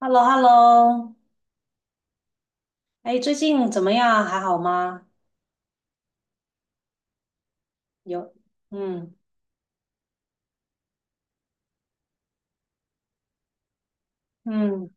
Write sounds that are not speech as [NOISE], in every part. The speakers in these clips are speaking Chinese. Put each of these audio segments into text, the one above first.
h e l l o h e l l o 哎，最近怎么样？还好吗？有，嗯嗯，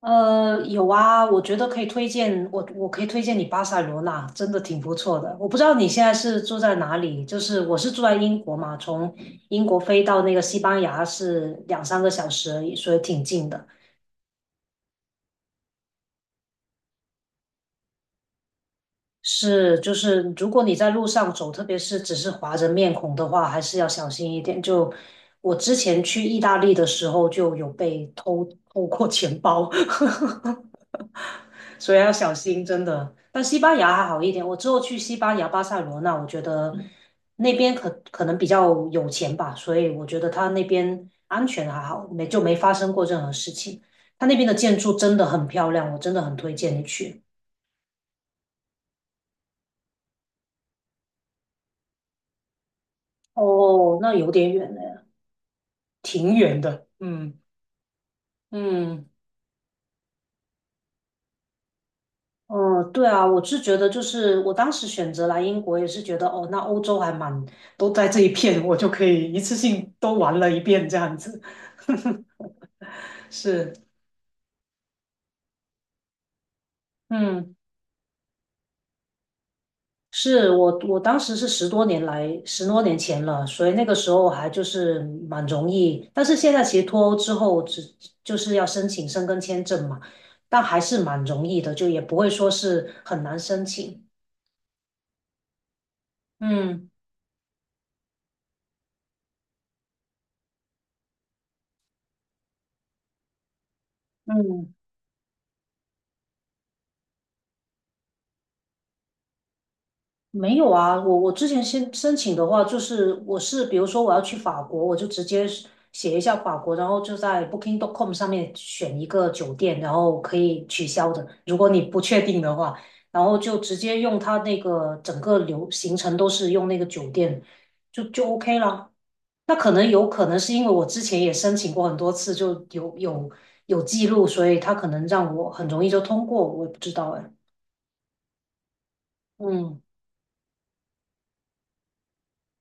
有啊，我觉得可以推荐我，我可以推荐你巴塞罗那，真的挺不错的。我不知道你现在是住在哪里，就是我是住在英国嘛，从英国飞到那个西班牙是两三个小时而已，所以挺近的。是，就是如果你在路上走，特别是只是划着面孔的话，还是要小心一点。就我之前去意大利的时候，就有被偷偷过钱包，[LAUGHS] 所以要小心，真的。但西班牙还好一点，我之后去西班牙巴塞罗那，我觉得那边可能比较有钱吧，所以我觉得他那边安全还好，没就没发生过任何事情。他那边的建筑真的很漂亮，我真的很推荐你去。哦，那有点远呢。挺远的，嗯嗯，哦，对啊，我是觉得就是我当时选择来英国也是觉得哦，那欧洲还蛮，都在这一片，我就可以一次性都玩了一遍这样子。是，嗯，是我当时是十多年前了，所以那个时候还就是蛮容易，但是现在其实脱欧之后就是要申请申根签证嘛，但还是蛮容易的，就也不会说是很难申请。嗯嗯。没有啊，我之前先申请的话，就是我是比如说我要去法国，我就直接是写一下法国，然后就在 Booking.com 上面选一个酒店，然后可以取消的，如果你不确定的话，然后就直接用它那个整个行程都是用那个酒店，就 OK 了。那可能有可能是因为我之前也申请过很多次，就有记录，所以他可能让我很容易就通过，我也不知道哎，嗯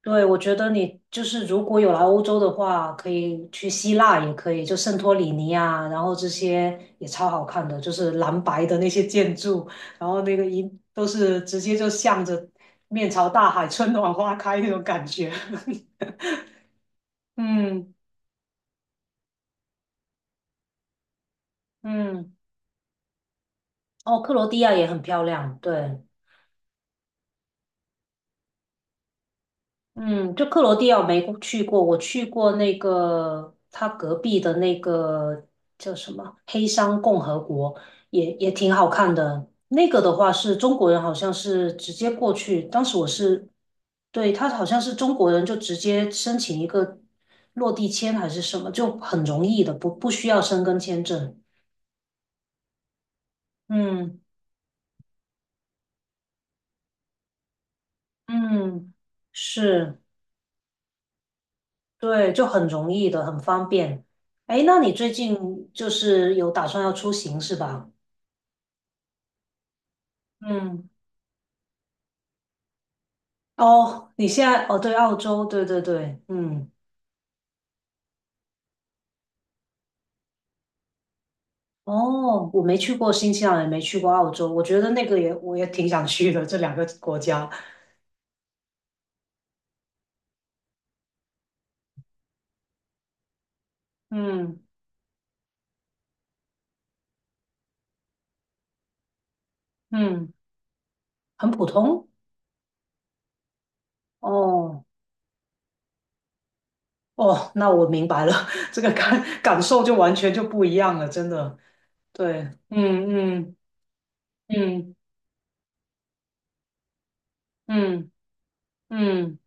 对，我觉得你就是如果有来欧洲的话，可以去希腊，也可以就圣托里尼啊，然后这些也超好看的，就是蓝白的那些建筑，然后那个都是直接就向着面朝大海，春暖花开那种感觉。[LAUGHS] 嗯嗯，哦，克罗地亚也很漂亮，对。嗯，就克罗地亚我没去过，我去过那个他隔壁的那个叫什么黑山共和国，也也挺好看的。那个的话是中国人，好像是直接过去，当时我是，对，他好像是中国人就直接申请一个落地签还是什么，就很容易的，不需要申根签证。嗯嗯，是。对，就很容易的，很方便。哎，那你最近就是有打算要出行是吧？嗯，哦，你现在哦，对，澳洲，对对对，嗯，哦，我没去过新西兰，也没去过澳洲，我觉得那个也我也挺想去的，这两个国家，嗯嗯，很普通，哦哦，那我明白了，[LAUGHS] 这个感受就完全就不一样了，真的，对，嗯嗯嗯嗯嗯。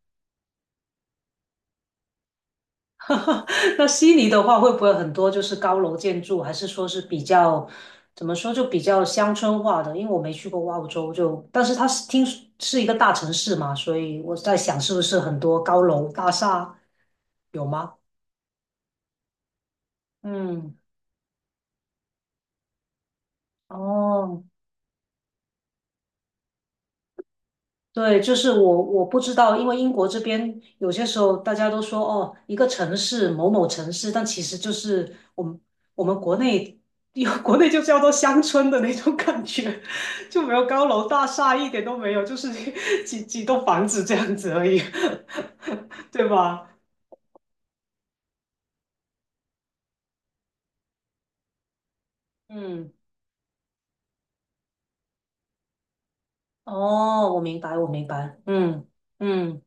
[LAUGHS] 那悉尼的话，会不会很多就是高楼建筑，还是说是比较怎么说就比较乡村化的？因为我没去过澳洲就，但是它是听说是一个大城市嘛，所以我在想是不是很多高楼大厦有吗？嗯，哦，对，就是我我不知道，因为英国这边有些时候大家都说哦，一个城市某某城市，但其实就是我们国内有 [LAUGHS] 国内就叫做乡村的那种感觉，[LAUGHS] 就没有高楼大厦，一点都没有，就是几栋房子这样子而已，[LAUGHS] 对吧？嗯，哦，我明白，我明白，嗯嗯，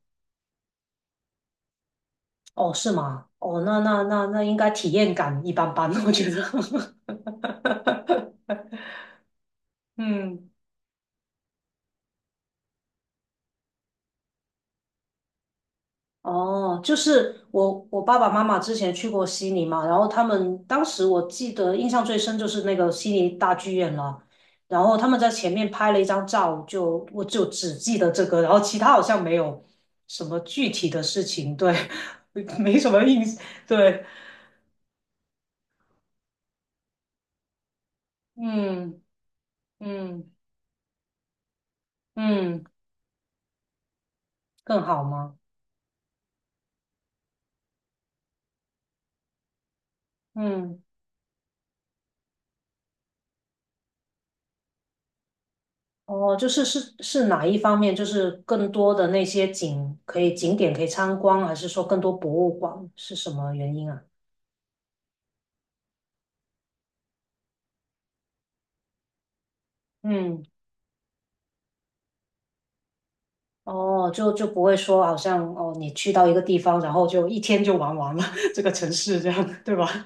哦，是吗？哦，那应该体验感一般般，我觉得，[LAUGHS] 嗯。哦，就是我我爸爸妈妈之前去过悉尼嘛，然后他们当时我记得印象最深就是那个悉尼大剧院了，然后他们在前面拍了一张照，就我就只记得这个，然后其他好像没有什么具体的事情，对，[LAUGHS] 没什么印，对，嗯嗯嗯，更好吗？嗯。哦，就是是是哪一方面？就是更多的那些景可以景点可以参观，还是说更多博物馆？是什么原因啊？嗯，哦，就就不会说好像哦，你去到一个地方，然后就一天就玩完了 [LAUGHS] 这个城市，这样对吧？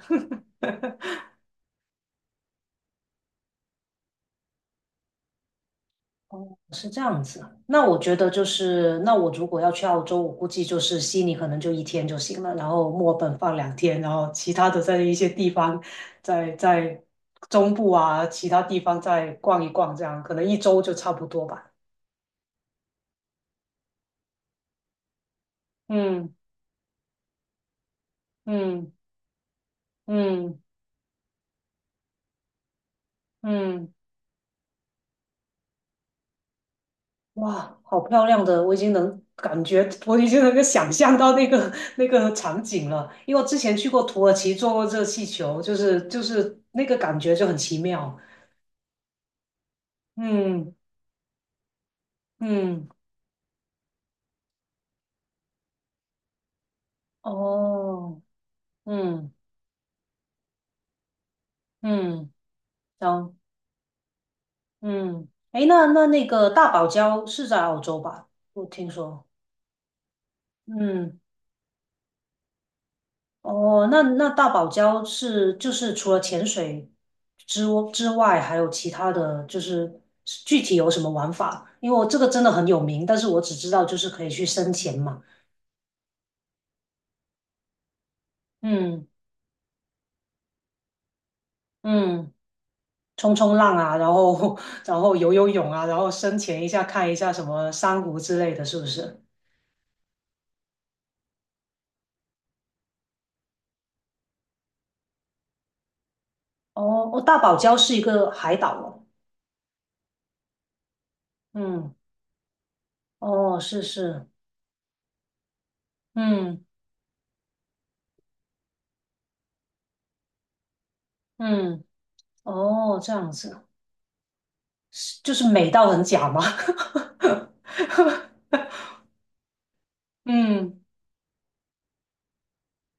是这样子，那我觉得就是，那我如果要去澳洲，我估计就是悉尼可能就一天就行了，然后墨尔本放两天，然后其他的在一些地方，在在中部啊，其他地方再逛一逛，这样可能一周就差不多吧。嗯嗯嗯嗯，哇，好漂亮的，我已经能感觉，我已经能够想象到那个 [LAUGHS] 那个场景了，因为我之前去过土耳其坐过热气球，就是就是那个感觉就很奇妙。嗯。嗯，哦，嗯嗯，行，嗯，诶，那个大堡礁是在澳洲吧？我听说，嗯，哦，那那大堡礁是就是除了潜水之之外，还有其他的就是具体有什么玩法？因为我这个真的很有名，但是我只知道就是可以去深潜嘛，嗯嗯，冲浪啊，然后 [LAUGHS] 然后游泳啊，然后深潜一下看一下什么珊瑚之类的，是不是？哦哦，大堡礁是一个海岛哦。嗯，哦，是是，嗯嗯，哦，这样子，就是美到很假吗？[LAUGHS] 嗯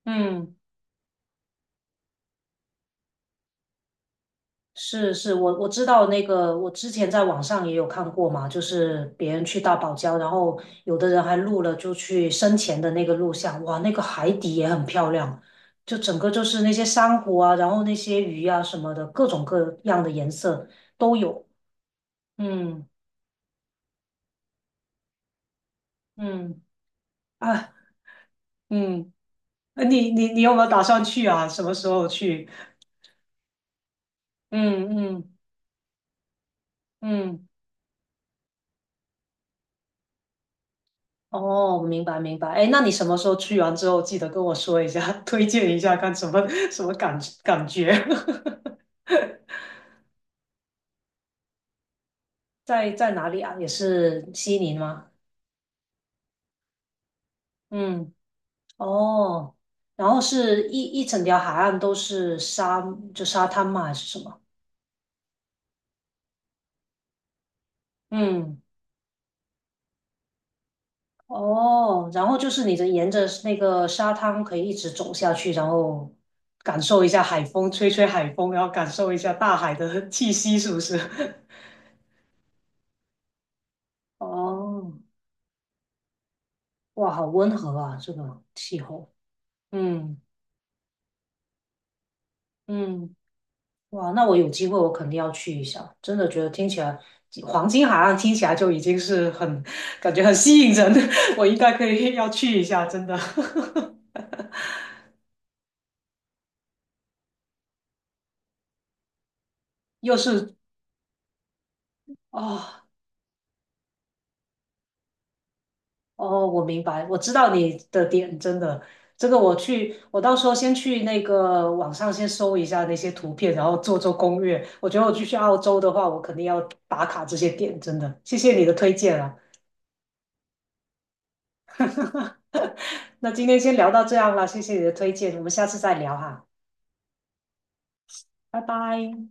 嗯，是是，我我知道那个，我之前在网上也有看过嘛，就是别人去大堡礁，然后有的人还录了就去生前的那个录像，哇，那个海底也很漂亮，就整个就是那些珊瑚啊，然后那些鱼啊什么的，各种各样的颜色都有。嗯。嗯啊，嗯，你有没有打算去啊？什么时候去？嗯嗯嗯，哦，明白明白。哎，那你什么时候去完之后，记得跟我说一下，[LAUGHS] 推荐一下，看什么 [LAUGHS] 什么感觉？[LAUGHS] 在在哪里啊？也是悉尼吗？嗯，哦，然后是一整条海岸都是沙，就沙滩嘛，还是什么？嗯。哦，然后就是你的沿着那个沙滩可以一直走下去，然后感受一下海风，吹吹海风，然后感受一下大海的 [LAUGHS] 气息，是不是？[LAUGHS] 哦，哇，好温和啊，这个气候。嗯嗯，哇，那我有机会我肯定要去一下，真的觉得听起来黄金海岸听起来就已经是很感觉很吸引人，[LAUGHS] 我应该可以要去一下，真的。[LAUGHS] 又是啊、哦哦，我明白，我知道你的点，真的，这个我去，我到时候先去那个网上先搜一下那些图片，然后做做攻略。我觉得我去澳洲的话，我肯定要打卡这些点，真的，谢谢你的推荐啊。[LAUGHS] 那今天先聊到这样啦，谢谢你的推荐，我们下次再聊哈，拜拜。